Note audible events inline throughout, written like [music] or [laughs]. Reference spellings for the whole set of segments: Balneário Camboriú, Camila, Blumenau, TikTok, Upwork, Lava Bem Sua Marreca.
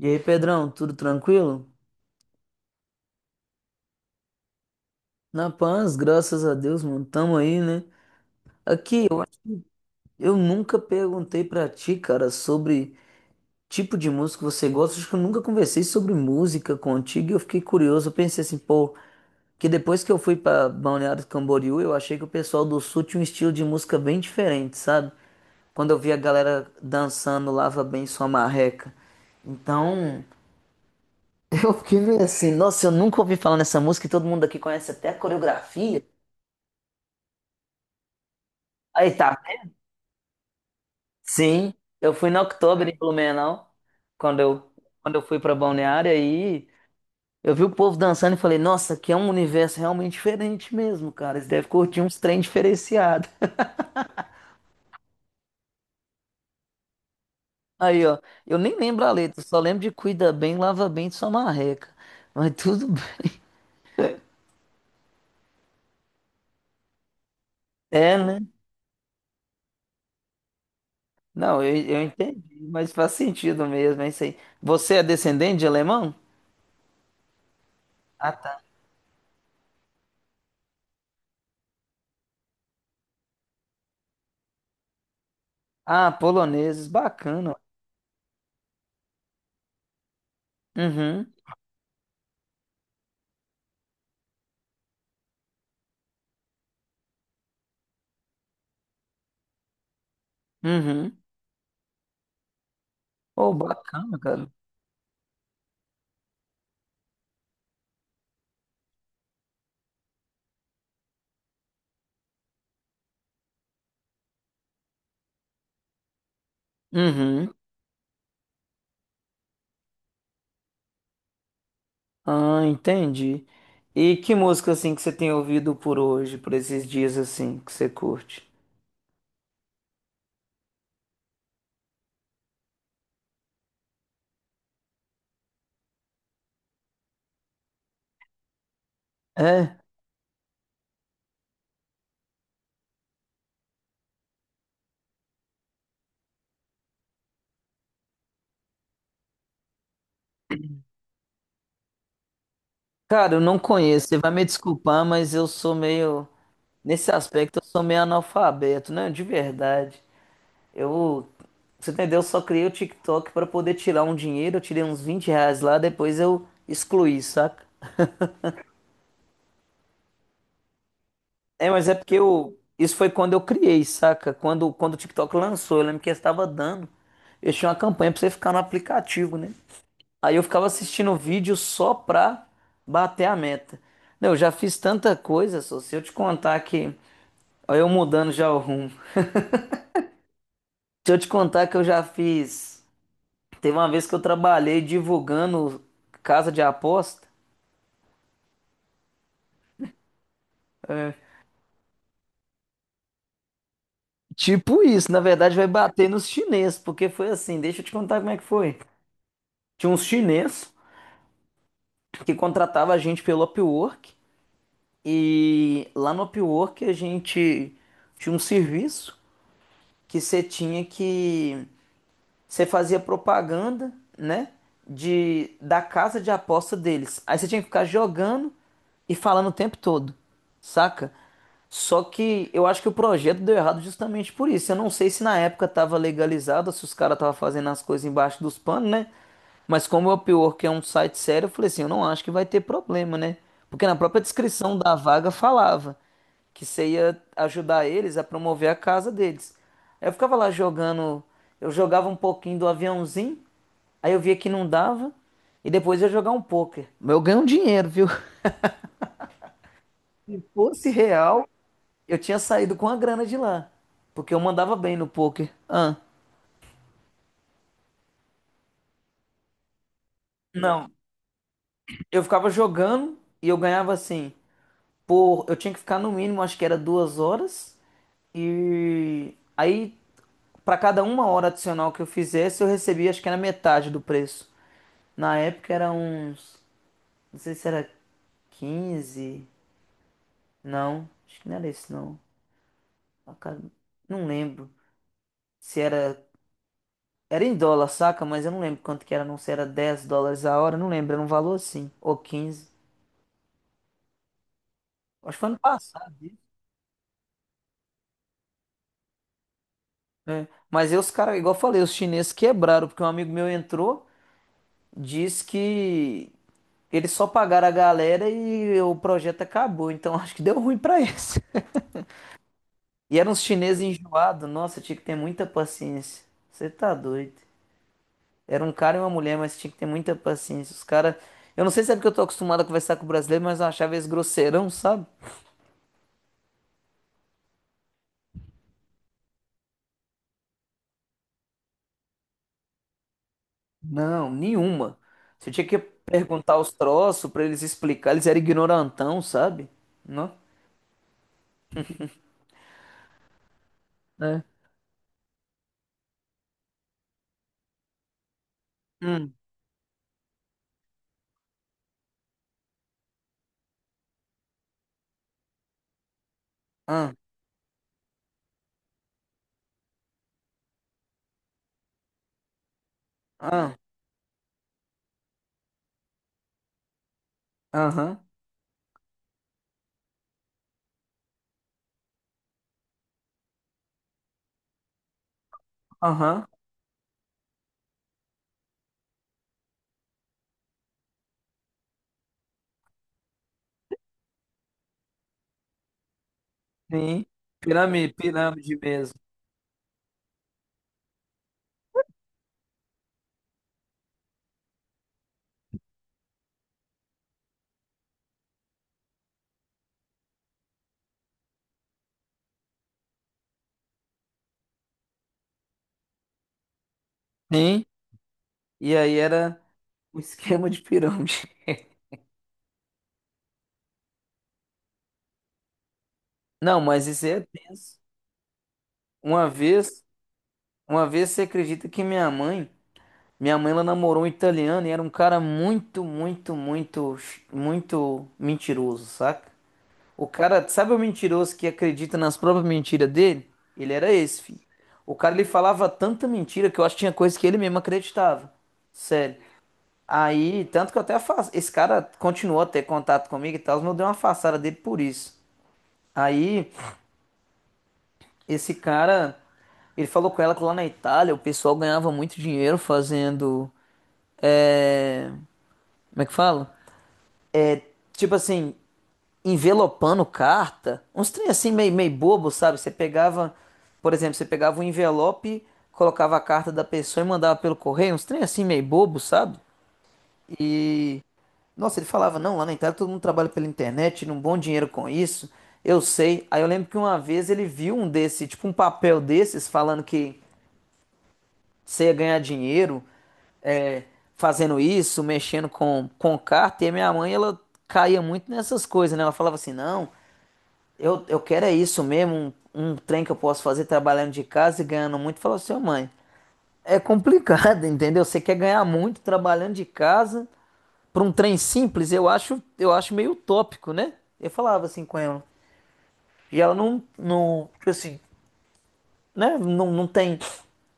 E aí, Pedrão, tudo tranquilo? Na paz, graças a Deus, mano, tamo aí, né? Aqui, eu nunca perguntei pra ti, cara, sobre tipo de música que você gosta. Acho que eu nunca conversei sobre música contigo e eu fiquei curioso. Eu pensei assim, pô, que depois que eu fui pra Balneário Camboriú, eu achei que o pessoal do Sul tinha um estilo de música bem diferente, sabe? Quando eu vi a galera dançando Lava Bem Sua Marreca. Então, [laughs] eu fiquei meio assim, nossa, eu nunca ouvi falar nessa música e todo mundo aqui conhece até a coreografia. Aí, tá. Sim, eu fui em outubro em Blumenau, quando eu, quando eu fui pra Balneário, aí eu vi o povo dançando e falei, nossa, aqui é um universo realmente diferente mesmo, cara. Eles devem curtir uns trem diferenciado. [laughs] Aí, ó, eu nem lembro a letra, só lembro de cuida bem, lava bem de sua marreca. Mas tudo bem. [laughs] É, né? Não, eu entendi, mas faz sentido mesmo, é isso aí. Você é descendente de alemão? Ah, tá. Ah, poloneses, bacana. Uhum, uhum. Oh, bacana, cara. Uhum. Ah, entendi. E que música assim que você tem ouvido por hoje, por esses dias assim que você curte? É, cara, eu não conheço. Você vai me desculpar, mas eu sou meio nesse aspecto eu sou meio analfabeto, né? De verdade. Eu, Você entendeu? Eu só criei o TikTok pra poder tirar um dinheiro. Eu tirei uns R$ 20 lá, depois eu excluí, saca? É, mas é porque eu isso foi quando eu criei, saca? Quando o TikTok lançou, eu lembro que eu estava dando. Eu tinha uma campanha pra você ficar no aplicativo, né? Aí eu ficava assistindo o vídeo só pra bater a meta. Não, eu já fiz tanta coisa, só se eu te contar que. Olha eu mudando já o rumo. Se eu te contar que eu já fiz. Teve uma vez que eu trabalhei divulgando casa de aposta. É. Tipo isso, na verdade vai bater nos chineses, porque foi assim, deixa eu te contar como é que foi. Tinha uns chineses que contratava a gente pelo Upwork e lá no Upwork a gente tinha um serviço que você tinha que você fazia propaganda, né? Da casa de aposta deles. Aí você tinha que ficar jogando e falando o tempo todo, saca? Só que eu acho que o projeto deu errado justamente por isso. Eu não sei se na época estava legalizado, se os caras estavam fazendo as coisas embaixo dos panos, né? Mas como o Upwork é um site sério, eu falei assim, eu não acho que vai ter problema, né? Porque na própria descrição da vaga falava que você ia ajudar eles a promover a casa deles. Aí eu ficava lá jogando, eu jogava um pouquinho do aviãozinho, aí eu via que não dava, e depois ia jogar um pôquer. Mas eu ganhei um dinheiro, viu? [laughs] Se fosse real, eu tinha saído com a grana de lá, porque eu mandava bem no pôquer. Ah, não, eu ficava jogando e eu ganhava assim, por, eu tinha que ficar no mínimo, acho que era 2 horas, e aí para cada uma hora adicional que eu fizesse, eu recebia acho que era metade do preço. Na época era uns. Não sei se era 15. Não, acho que não era esse não. Ah, cara, não lembro. Se era. Era em dólar, saca? Mas eu não lembro quanto que era, não. Se era US$ 10 a hora, não lembro. Era um valor assim. Ou 15. Acho que foi ano passado. Isso. É. Mas aí os caras, igual eu falei, os chineses quebraram, porque um amigo meu entrou, disse que eles só pagaram a galera e o projeto acabou. Então [laughs] acho que deu ruim pra eles. E era uns chineses enjoados. Nossa, tinha que ter muita paciência. Você tá doido. Era um cara e uma mulher, mas tinha que ter muita paciência. Os caras. Eu não sei se é porque eu tô acostumado a conversar com o brasileiro, mas eu achava eles grosseirão, sabe? Não, nenhuma. Você tinha que perguntar os troços pra eles explicar. Eles eram ignorantão, sabe? Não? É. Hum, ah, ah, aham, aham, sim. Pirâmide, pirâmide mesmo. Sim. E aí era um [laughs] esquema de pirâmide. Não, mas isso é tenso. Uma vez, uma vez, você acredita que minha mãe, ela namorou um italiano e era um cara muito, muito, muito, muito mentiroso, saca? O cara, sabe o mentiroso que acredita nas próprias mentiras dele? Ele era esse, filho. O cara ele falava tanta mentira que eu acho que tinha coisa que ele mesmo acreditava. Sério. Aí, tanto que eu até esse cara continuou a ter contato comigo e tal, mas eu dei uma afastada dele por isso. Aí, esse cara, ele falou com ela que lá na Itália o pessoal ganhava muito dinheiro fazendo. É, como é que fala? Tipo assim, envelopando carta. Uns trem assim meio, meio bobo, sabe? Você pegava, por exemplo, você pegava um envelope, colocava a carta da pessoa e mandava pelo correio. Uns trem assim meio bobo, sabe? E. Nossa, ele falava, não, lá na Itália todo mundo trabalha pela internet, tira um bom dinheiro com isso. Eu sei. Aí eu lembro que uma vez ele viu um desse, tipo um papel desses, falando que você ia ganhar dinheiro, é, fazendo isso, mexendo com carta, e a minha mãe, ela caía muito nessas coisas, né? Ela falava assim, não, eu quero é isso mesmo, um trem que eu posso fazer trabalhando de casa e ganhando muito. Eu falava assim, "Ô, mãe, é complicado, [laughs] entendeu? Você quer ganhar muito trabalhando de casa para um trem simples, eu acho meio utópico, né? Eu falava assim com ela. E ela não, não, tipo assim, né? Não, não tem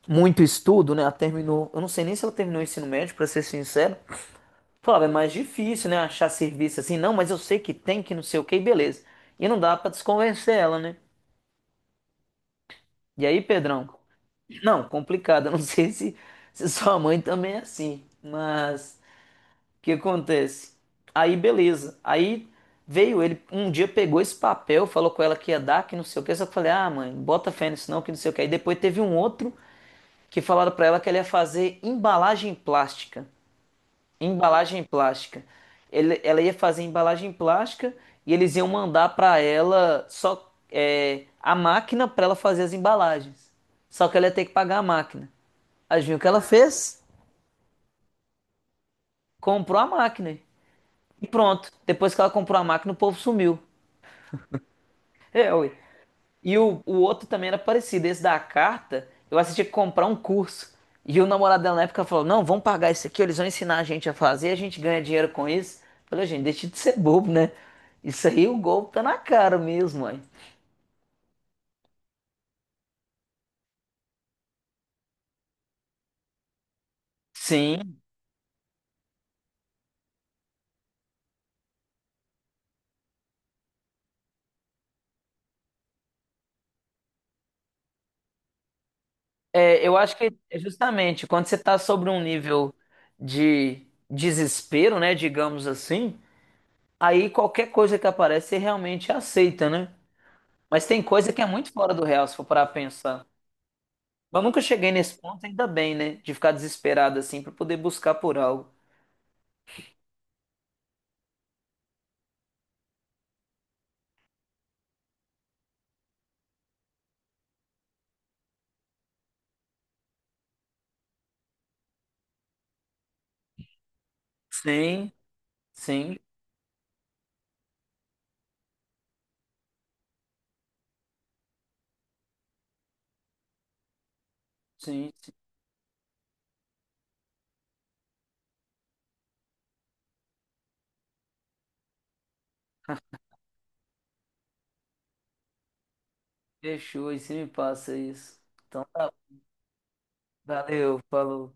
muito estudo, né? Ela terminou, eu não sei nem se ela terminou o ensino médio, para ser sincero, falava, é mais difícil, né? Achar serviço assim, não, mas eu sei que tem, que não sei o que, e beleza. E não dá pra desconvencer ela, né? E aí, Pedrão? Não, complicado. Eu não [laughs] sei se, se sua mãe também é assim, mas o que acontece? Aí, beleza. Aí veio ele, um dia pegou esse papel, falou com ela que ia dar, que não sei o que. Só que eu falei, ah, mãe, bota fé nisso não, que não sei o que. Aí depois teve um outro que falaram pra ela que ela ia fazer embalagem plástica. Embalagem plástica. Ele- ela ia fazer embalagem plástica e eles iam mandar para ela só a máquina para ela fazer as embalagens. Só que ela ia ter que pagar a máquina. Adivinha o que ela fez? Comprou a máquina. E pronto. Depois que ela comprou a máquina, o povo sumiu. É, ué. E o outro também era parecido. Esse da carta, eu assisti que comprar um curso. E o namorado dela na época falou: Não, vamos pagar isso aqui, eles vão ensinar a gente a fazer, a gente ganha dinheiro com isso. Eu falei, gente, deixa de ser bobo, né? Isso aí o golpe tá na cara mesmo, mãe. Sim, é, eu acho que é justamente quando você tá sobre um nível de desespero, né, digamos assim, aí qualquer coisa que aparece você realmente aceita, né? Mas tem coisa que é muito fora do real, se for parar pra pensar. Mas nunca cheguei nesse ponto, ainda bem, né? De ficar desesperado assim pra poder buscar por algo. Sim, sim, sim, sim. Fechou, e se me passa isso. Então tá, valeu, falou.